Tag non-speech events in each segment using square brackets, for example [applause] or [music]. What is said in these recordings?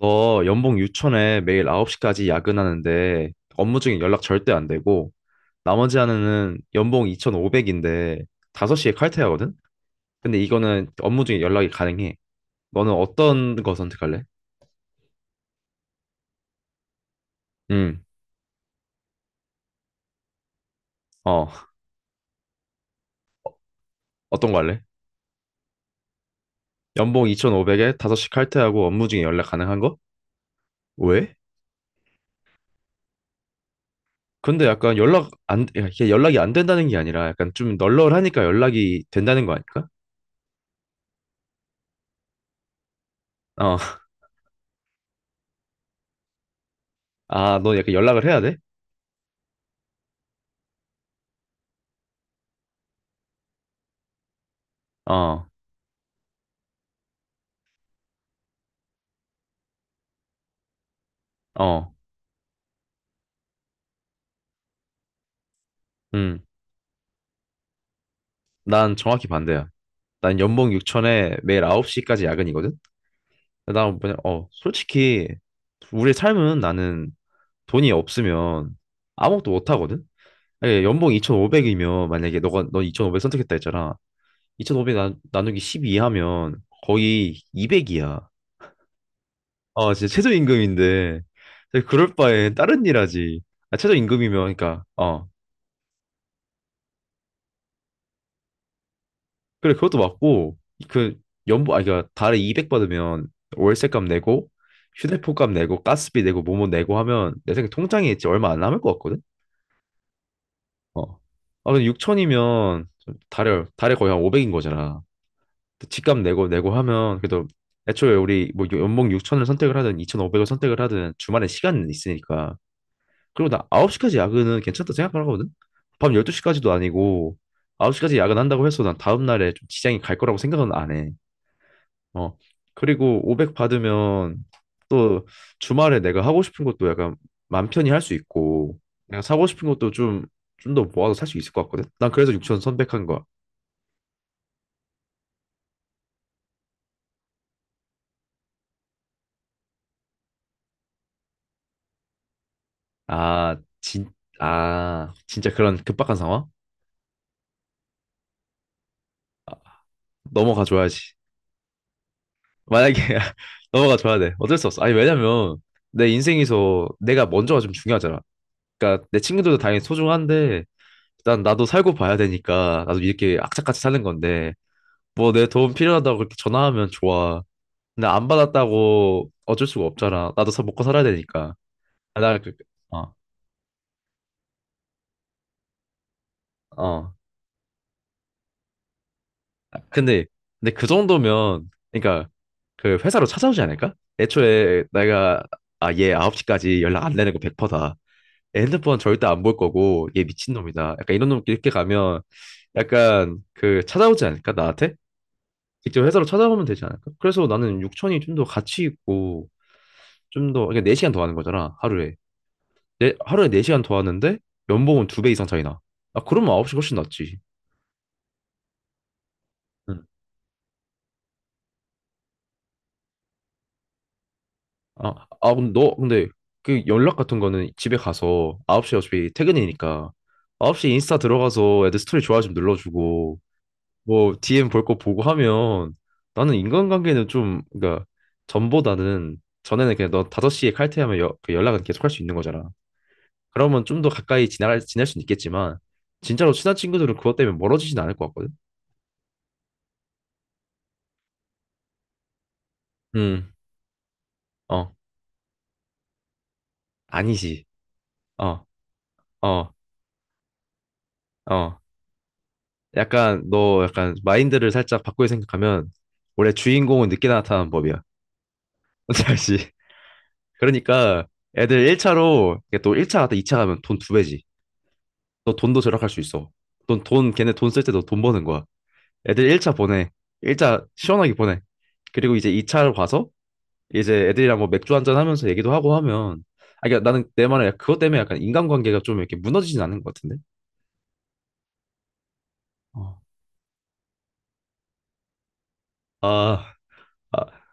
너 연봉 6천에 매일 9시까지 야근하는데 업무 중에 연락 절대 안 되고 나머지 하나는 연봉 2,500인데 5시에 칼퇴하거든? 근데 이거는 업무 중에 연락이 가능해. 너는 어떤 거 선택할래? 음, 어, 어떤 거 할래? 연봉 2,500에 5시 칼퇴하고 업무 중에 연락 가능한 거? 왜? 근데 약간 연락 안, 야, 이게 연락이 안 된다는 게 아니라 약간 좀 널널하니까 연락이 된다는 거 아닐까? 어, [laughs] 아, 너 약간 연락을 해야 돼? 어, 어, 응. 난 정확히 반대야. 난 연봉 6천에 매일 9시까지 야근이거든? 난 그냥, 솔직히, 우리 삶은 나는 돈이 없으면 아무것도 못 하거든? 아니, 연봉 2,500이면, 너 2,500 선택했다 했잖아. 2,500 나누기 12 하면 거의 200이야. 아, 진짜 최저임금인데. 그럴 바에 다른 일 하지. 아, 최저임금이면, 그러니까, 그래, 그것도 맞고, 그, 그니까, 달에 200 받으면 월세값 내고, 휴대폰값 내고, 가스비 내고, 뭐뭐 내고 하면, 내 생각에 통장에 있지 얼마 안 남을 것 같거든? 어. 아, 근데 육천이면 달에 거의 한 500인 거잖아. 또 집값 내고 하면, 그래도, 애초에 우리, 뭐, 연봉 6천을 선택을 하든, 2,500을 선택을 하든, 주말에 시간은 있으니까. 그리고 나 9시까지 야근은 괜찮다 생각하거든? 밤 12시까지도 아니고, 9시까지 야근한다고 해서 난 다음날에 좀 지장이 갈 거라고 생각은 안 해. 어. 그리고 500 받으면 또 주말에 내가 하고 싶은 것도 약간 맘 편히 할 수 있고 내가 사고 싶은 것도 좀 더 모아서 살 수 있을 것 같거든. 난 그래서 6천0 0한 거야. 아, 진, 아, 진짜 그런 급박한 상황? 넘어가 줘야지. 만약에 [laughs] 넘어가 줘야 돼. 어쩔 수 없어. 아니, 왜냐면 내 인생에서 내가 먼저가 좀 중요하잖아. 그러니까 내 친구들도 당연히 소중한데 일단 나도 살고 봐야 되니까 나도 이렇게 악착같이 사는 건데 뭐 내 도움 필요하다고 그렇게 전화하면 좋아. 근데 안 받았다고 어쩔 수가 없잖아. 나도 사 먹고 살아야 되니까. 아, 나 그, 어, 어. 근데 근데 그 정도면 그러니까 그 회사로 찾아오지 않을까? 애초에 내가 얘 9시까지 연락 안 되는 거 100%다. 얘 핸드폰 절대 안 볼 거고 얘 미친놈이다. 약간 이런 놈 이렇게 가면 약간 그 찾아오지 않을까? 나한테? 직접 회사로 찾아오면 되지 않을까? 그래서 나는 6천이 좀 더 가치 있고 좀 더, 그러니까 4시간 더 하는 거잖아, 하루에. 네, 하루에 4시간 더 하는데 연봉은 2배 이상 차이 나. 아, 그러면 9시 훨씬 낫지. 응. 근데 그 연락 같은 거는 집에 가서 9시 어차피 퇴근이니까 9시 인스타 들어가서 애들 스토리 좋아요 좀 눌러주고 뭐 DM 볼 거 보고 하면 나는 인간관계는 좀, 그러니까 전보다는 전에는 그냥 너 5시에 칼퇴하면 그 연락은 계속 할 수 있는 거잖아. 그러면 좀 더 가까이 지낼 수는 있겠지만 진짜로 친한 친구들은 그것 때문에 멀어지진 않을 것 같거든. 음, 어, 아니지. 어, 어, 어. 약간 너 약간 마인드를 살짝 바꾸게 생각하면 원래 주인공은 늦게 나타나는 법이야. [laughs] 사실. 그러니까 애들 1차로 또 1차 갔다 2차 가면 돈 두 배지. 너 돈도 절약할 수 있어. 넌 걔네 돈 쓸 때 너 돈 버는 거야. 애들 1차 보내. 1차 시원하게 보내. 그리고 이제 2차로 가서 이제 애들이랑 뭐 맥주 한 잔 하면서 얘기도 하고 하면 아, 그러니까 나는 내 말은 그것 때문에 약간 인간관계가 좀 이렇게 무너지진 않는 것 같은데. 어. 아, 아,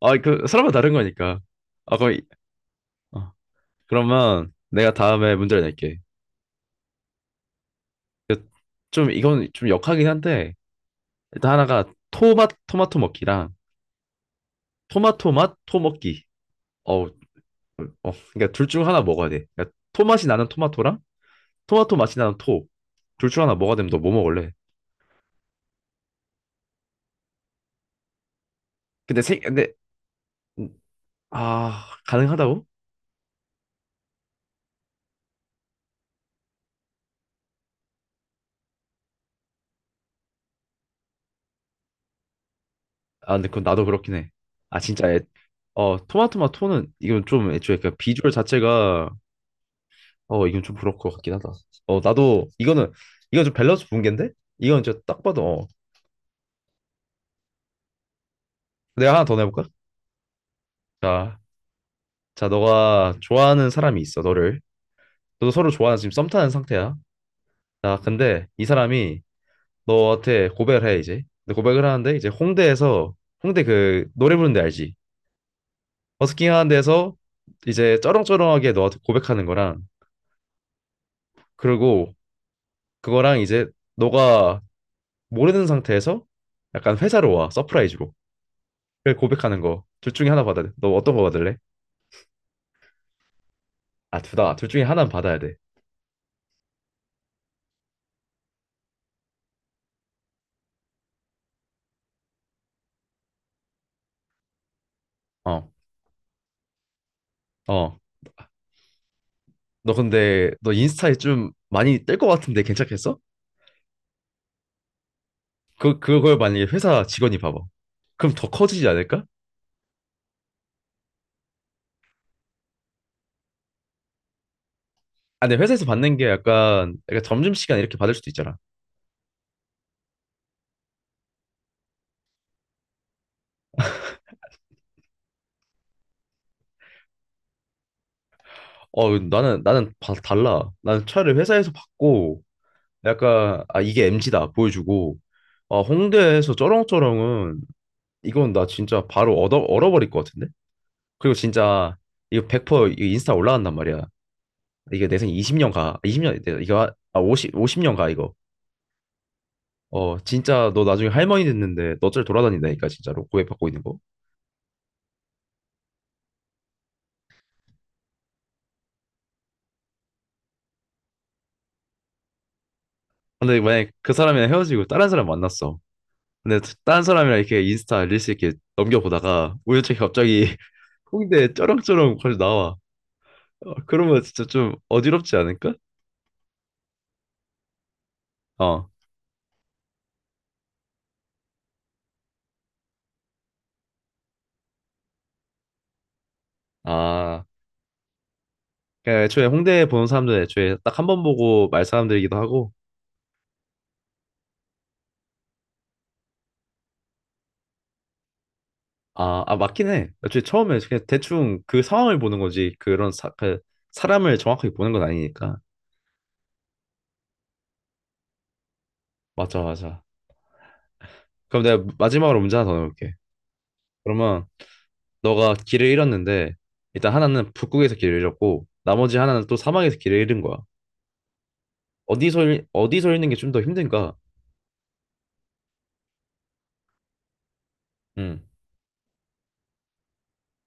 아, 그 사람마다 다른 거니까. 아, 거의. 어. 그러면 내가 다음에 문제를 낼게. 그, 좀 이건 좀 역하긴 한데 일단 하나가 토마토 먹기랑 토마토 맛 토먹기. 어, 어, 그러니까 둘 중 하나 먹어야 돼. 그러니까 토맛이 나는 토마토랑 토마토 맛이 나는 토. 둘 중 하나 먹어야 되면 너 뭐 먹을래? 근데 음, 아 가능하다고? 아, 근데 그건 나도 그렇긴 해. 아, 진짜 애, 어 토마토 맛 토는 이건 좀 애초에 그 비주얼 자체가 어, 이건 좀 부러울 것 같긴 하다. 어, 나도 이거는 이건 좀 밸런스 붕괴인데? 이건 진짜 딱 봐도 어. 내가 하나 더 내볼까? 자, 자, 너가 좋아하는 사람이 있어, 너를. 너도 서로 좋아하는 지금 썸 타는 상태야. 자, 근데 이 사람이 너한테 고백을 해 이제. 근데 고백을 하는데 이제 홍대 그 노래 부르는 데 알지? 버스킹 하는 데서 이제 쩌렁쩌렁하게 너한테 고백하는 거랑 그리고 그거랑 이제 너가 모르는 상태에서 약간 회사로 와 서프라이즈로. 그 고백하는 거. 둘 중에 하나 받아야 돼. 너 어떤 거 받을래? 아, 둘 다. 둘 중에 하나는 받아야 돼. 어. 어. 너 인스타에 좀 많이 뜰 것 같은데 괜찮겠어? 그걸 만약에 회사 직원이 봐봐. 그럼 더 커지지 않을까? 아, 근데 회사에서 받는 게 약간 점심시간 이렇게 받을 수도 있잖아. 어, 나는 달라. 나는 차라리 회사에서 받고 약간 아 이게 MG다 보여주고 아 홍대에서 쩌렁쩌렁은 이건 나 진짜 바로 얻어 얼어버릴 것 같은데. 그리고 진짜 이거 100% 이거 인스타 올라간단 말이야. 이게 내 생에 20년 가. 20년 이거 50년 가 이거. 어 진짜 너 나중에 할머니 됐는데 너 어쩔 돌아다닌다니까 진짜로 고해받고 있는 거. 근데 만약 그 사람이랑 헤어지고 다른 사람 만났어. 근데 다른 사람이랑 이렇게 인스타 릴스 이렇게 넘겨보다가 우연찮게 갑자기 [laughs] 홍대 쩌렁쩌렁 거기 나와. 어, 그러면 진짜 좀 어지럽지 않을까? 어. 아. 그러니까 애초에 홍대 보는 사람들 애초에 딱 한 번 보고 말 사람들이기도 하고 아 맞긴 해. 애초에 처음에 그냥 대충 그 상황을 보는 거지. 그 사람을 정확하게 보는 건 아니니까. 맞아, 맞아. 그럼 내가 마지막으로 문제 하나 더 넣을게. 그러면 너가 길을 잃었는데 일단 하나는 북극에서 길을 잃었고 나머지 하나는 또 사막에서 길을 잃은 거야. 어디서 잃는 게 좀 더 힘든가? 응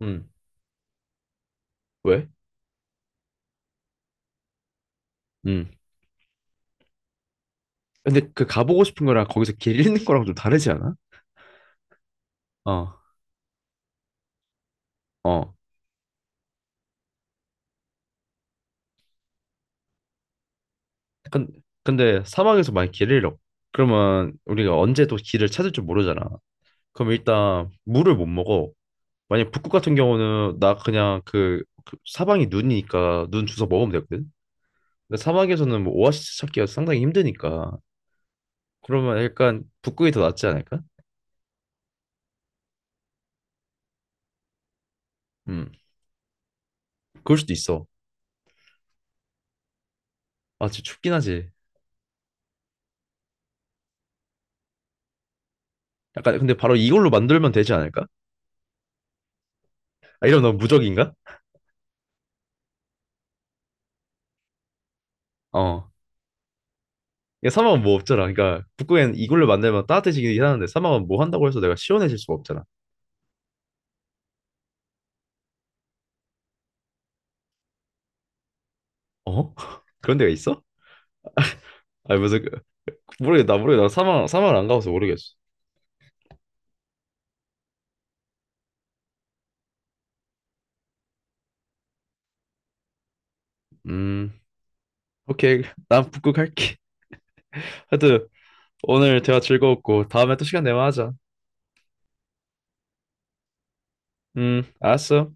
응 왜? 응 근데 그 가보고 싶은 거랑 거기서 길 잃는 거랑 좀 다르지 않아? 어, 어. 근- 근데 사막에서 만약 길을 잃어. 그러면 우리가 언제 또 길을 찾을 줄 모르잖아. 그럼 일단 물을 못 먹어. 만약 북극 같은 경우는 나 그냥 그 사방이 눈이니까 눈 주워 먹으면 되거든. 근데 사막에서는 뭐 오아시스 찾기가 상당히 힘드니까 그러면 약간 북극이 더 낫지 않을까? 음, 그럴 수도 있어. 아, 진짜 춥긴 하지. 약간 근데 바로 이걸로 만들면 되지 않을까? 아, 이러면 너무 무적인가? 어. 이게 사막은 뭐 없잖아. 그러니까 북극엔 이걸로 만들면 따뜻해지긴 하는데 사막은 뭐 한다고 해서 내가 시원해질 수가 없잖아. 어? [laughs] 그런 데가 있어? 아니 무슨 모르겠나 사막을 안 가봐서 모르겠어. 음. 오케이, 난 북극 할게. 하여튼 오늘 대화 즐거웠고 다음에 또 시간 내면 하자. 알았어.